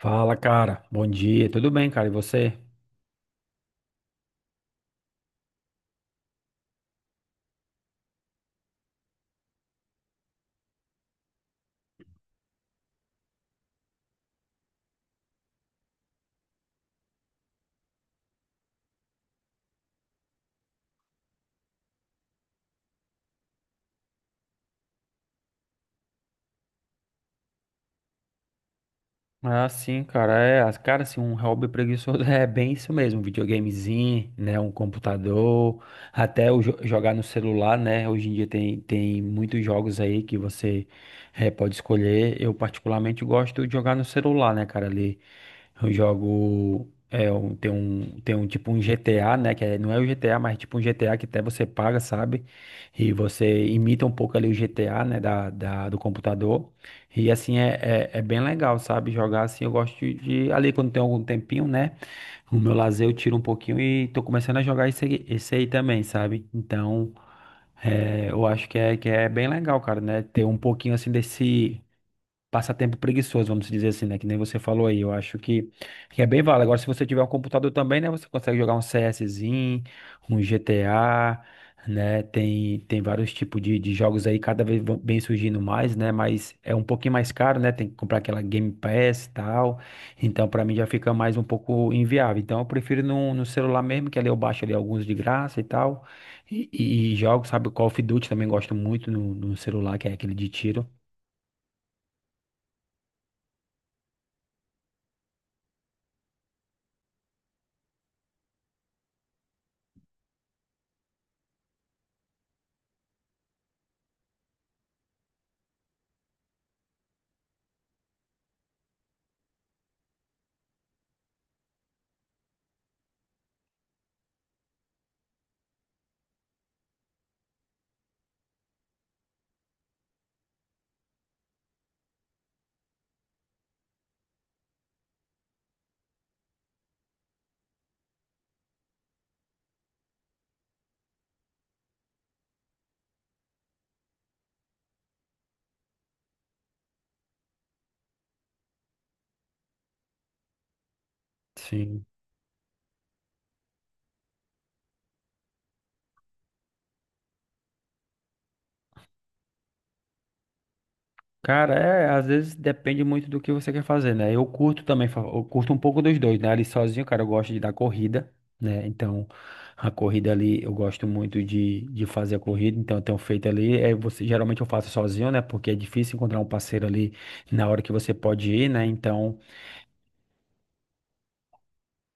Fala, cara. Bom dia. Tudo bem, cara? E você? Ah, sim, cara, cara, assim, um hobby preguiçoso é bem isso mesmo, um videogamezinho, né, um computador, até jogar no celular, né, hoje em dia tem, muitos jogos aí que você pode escolher. Eu particularmente gosto de jogar no celular, né, cara. Ali eu jogo, tem um tipo um GTA, né, não é o GTA, mas é tipo um GTA que até você paga, sabe, e você imita um pouco ali o GTA, né, do computador. E assim é bem legal, sabe? Jogar assim, eu gosto ali quando tem algum tempinho, né? O meu lazer eu tiro um pouquinho e tô começando a jogar esse aí também, sabe? Então, é, eu acho que é bem legal, cara, né? Ter um pouquinho assim desse passatempo preguiçoso, vamos dizer assim, né? Que nem você falou aí. Eu acho que é bem válido. Agora, se você tiver um computador também, né? Você consegue jogar um CSzinho, um GTA, né? Tem, vários tipos de jogos aí, cada vez vem surgindo mais, né? Mas é um pouquinho mais caro, né? Tem que comprar aquela Game Pass e tal. Então, pra mim, já fica mais um pouco inviável. Então, eu prefiro no celular mesmo, que ali eu baixo ali alguns de graça e tal. E jogo, sabe? Call of Duty também gosto muito no celular, que é aquele de tiro. Sim. Cara, é, às vezes depende muito do que você quer fazer, né? Eu curto também, eu curto um pouco dos dois, né? Ali sozinho, cara, eu gosto de dar corrida, né? Então, a corrida ali, eu gosto muito de fazer a corrida. Então eu tenho feito ali, é, você, geralmente eu faço sozinho, né? Porque é difícil encontrar um parceiro ali na hora que você pode ir, né? Então,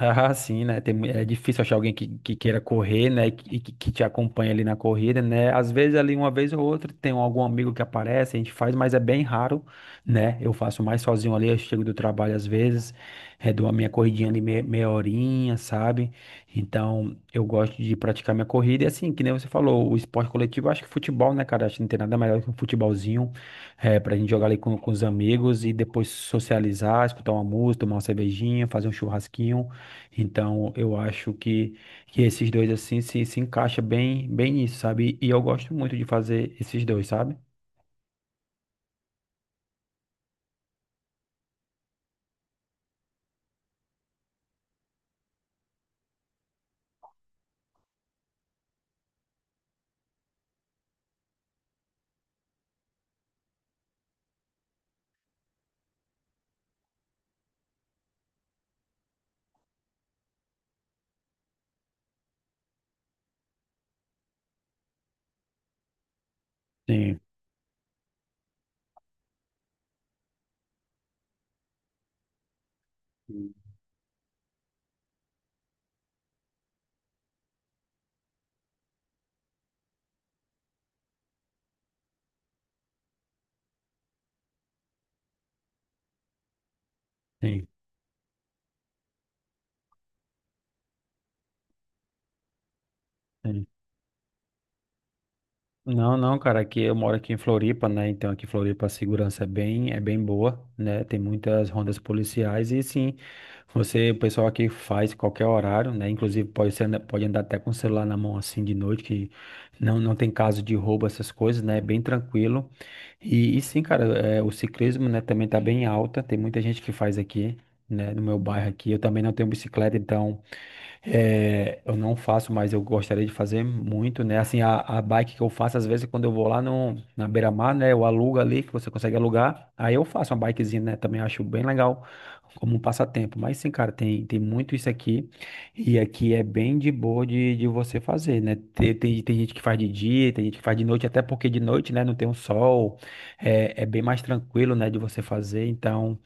ah, sim, né? É difícil achar alguém que queira correr, né? E que te acompanha ali na corrida, né? Às vezes ali uma vez ou outra tem algum amigo que aparece, a gente faz, mas é bem raro, né? Eu faço mais sozinho ali. Eu chego do trabalho às vezes, é, dou a minha corridinha ali meia horinha, sabe? Então eu gosto de praticar minha corrida. E assim, que nem você falou, o esporte coletivo, eu acho que futebol, né, cara? Acho que não tem nada melhor que um futebolzinho, é, pra gente jogar ali com os amigos e depois socializar, escutar uma música, tomar uma cervejinha, fazer um churrasquinho. Então, eu acho que esses dois, assim, se encaixa bem nisso, sabe? E eu gosto muito de fazer esses dois, sabe? Sim, sim, sim. Não, não, cara, aqui eu moro aqui em Floripa, né? Então, aqui em Floripa a segurança é bem boa, né? Tem muitas rondas policiais e, sim, você, o pessoal aqui faz qualquer horário, né? Inclusive, pode ser, pode andar até com o celular na mão, assim, de noite, que não, não tem caso de roubo, essas coisas, né? É bem tranquilo. E sim, cara, é, o ciclismo, né, também tá bem alta. Tem muita gente que faz aqui, né, no meu bairro aqui. Eu também não tenho bicicleta, então. É, eu não faço, mas eu gostaria de fazer muito, né? Assim, a bike que eu faço, às vezes, quando eu vou lá no, na beira-mar, né? Eu alugo ali, que você consegue alugar. Aí eu faço uma bikezinha, né? Também acho bem legal como um passatempo. Mas sim, cara, tem, muito isso aqui. E aqui é bem de boa de você fazer, né? Tem, tem, tem gente que faz de dia, tem gente que faz de noite, até porque de noite, né? Não tem um sol. É, é bem mais tranquilo, né? De você fazer. Então.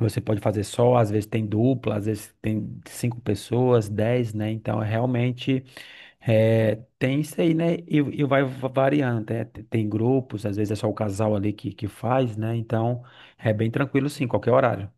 Você pode fazer só, às vezes tem dupla, às vezes tem cinco pessoas, dez, né? Então, é realmente é, tem isso aí, né? E variando, né? Tem, grupos, às vezes é só o casal ali que faz, né? Então, é bem tranquilo, sim, qualquer horário.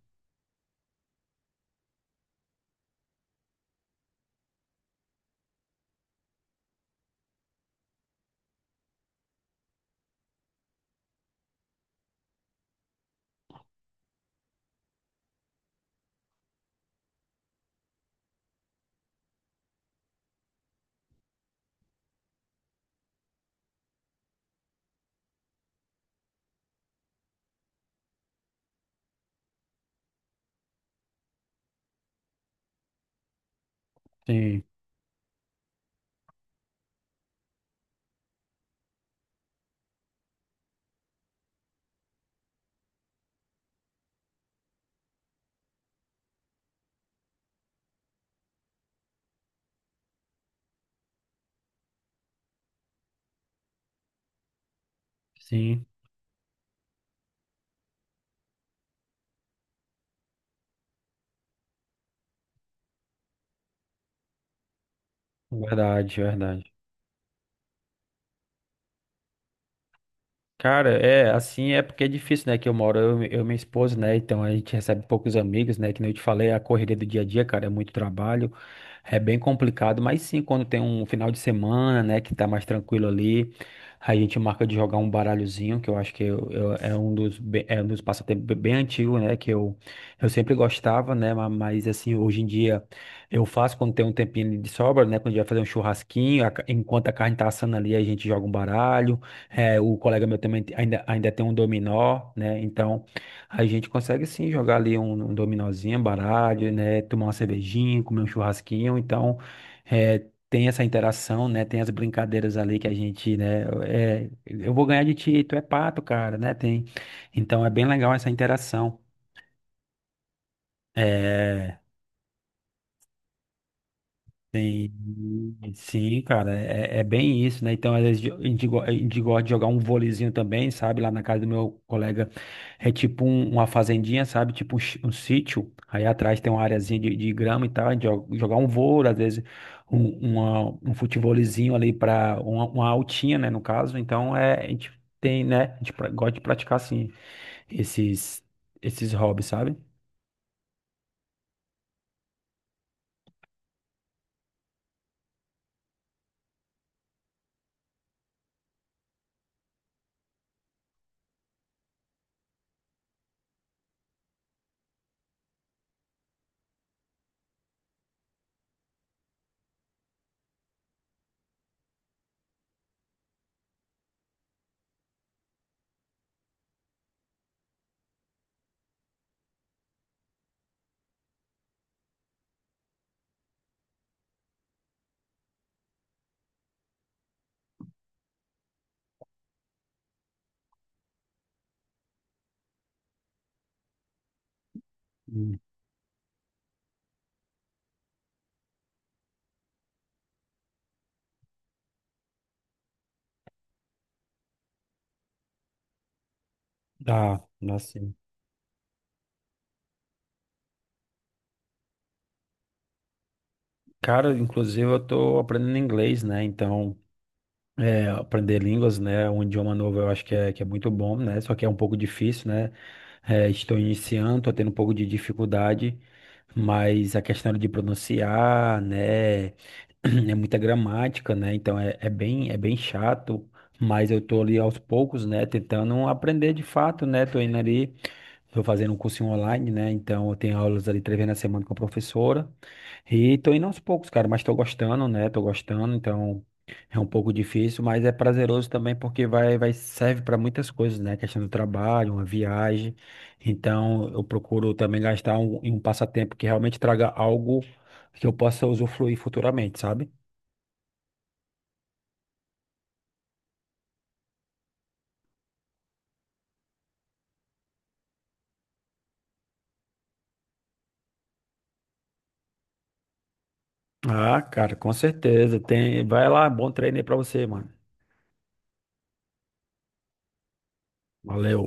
Sim, sim, verdade, verdade. Cara, é, assim é porque é difícil, né, que eu moro, eu e minha esposa, né, então a gente recebe poucos amigos, né, que nem eu te falei, a correria do dia a dia, cara, é muito trabalho, é bem complicado, mas sim, quando tem um final de semana, né, que tá mais tranquilo ali, a gente marca de jogar um baralhozinho, que eu acho é um é um dos passatempos bem antigos, né, que eu sempre gostava, né, mas assim, hoje em dia eu faço quando tem um tempinho de sobra, né, quando a gente vai fazer um churrasquinho, enquanto a carne tá assando ali, a gente joga um baralho, é, o colega meu também ainda tem um dominó, né? Então a gente consegue sim jogar ali um dominózinho, baralho, né? Tomar uma cervejinha, comer um churrasquinho. Então é, tem essa interação, né? Tem as brincadeiras ali que a gente, né? É, eu vou ganhar de ti, tu é pato, cara, né? Tem. Então é bem legal essa interação. É, sim, sim, cara, é bem isso, né? Então, às vezes, a gente gosta de jogar um vôleizinho também, sabe? Lá na casa do meu colega é uma fazendinha, sabe? Tipo um, um sítio. Aí atrás tem uma areazinha de grama e tal. A gente jogar um vôlei, às vezes um, um futevôleizinho ali para uma altinha, né? No caso, então é, a gente tem, né? Gosta de praticar, assim, esses, esses hobbies, sabe? Hum. Ah, nossa. Cara, inclusive eu tô aprendendo inglês, né? Então, é, aprender línguas, né? Um idioma novo eu acho que é muito bom, né? Só que é um pouco difícil, né? É, estou iniciando, tô tendo um pouco de dificuldade, mas a questão de pronunciar, né? É muita gramática, né? Então é bem chato, mas eu tô ali aos poucos, né? Tentando aprender de fato, né? Tô indo ali. Estou fazendo um cursinho online, né? Então eu tenho aulas ali 3 vezes na semana com a professora. E tô indo aos poucos, cara, mas tô gostando, né? Tô gostando. Então é um pouco difícil, mas é prazeroso também porque vai serve para muitas coisas, né? Questão do trabalho, uma viagem. Então eu procuro também gastar em um passatempo que realmente traga algo que eu possa usufruir futuramente, sabe? Ah, cara, com certeza. Tem, vai lá, bom treino aí pra você, mano. Valeu.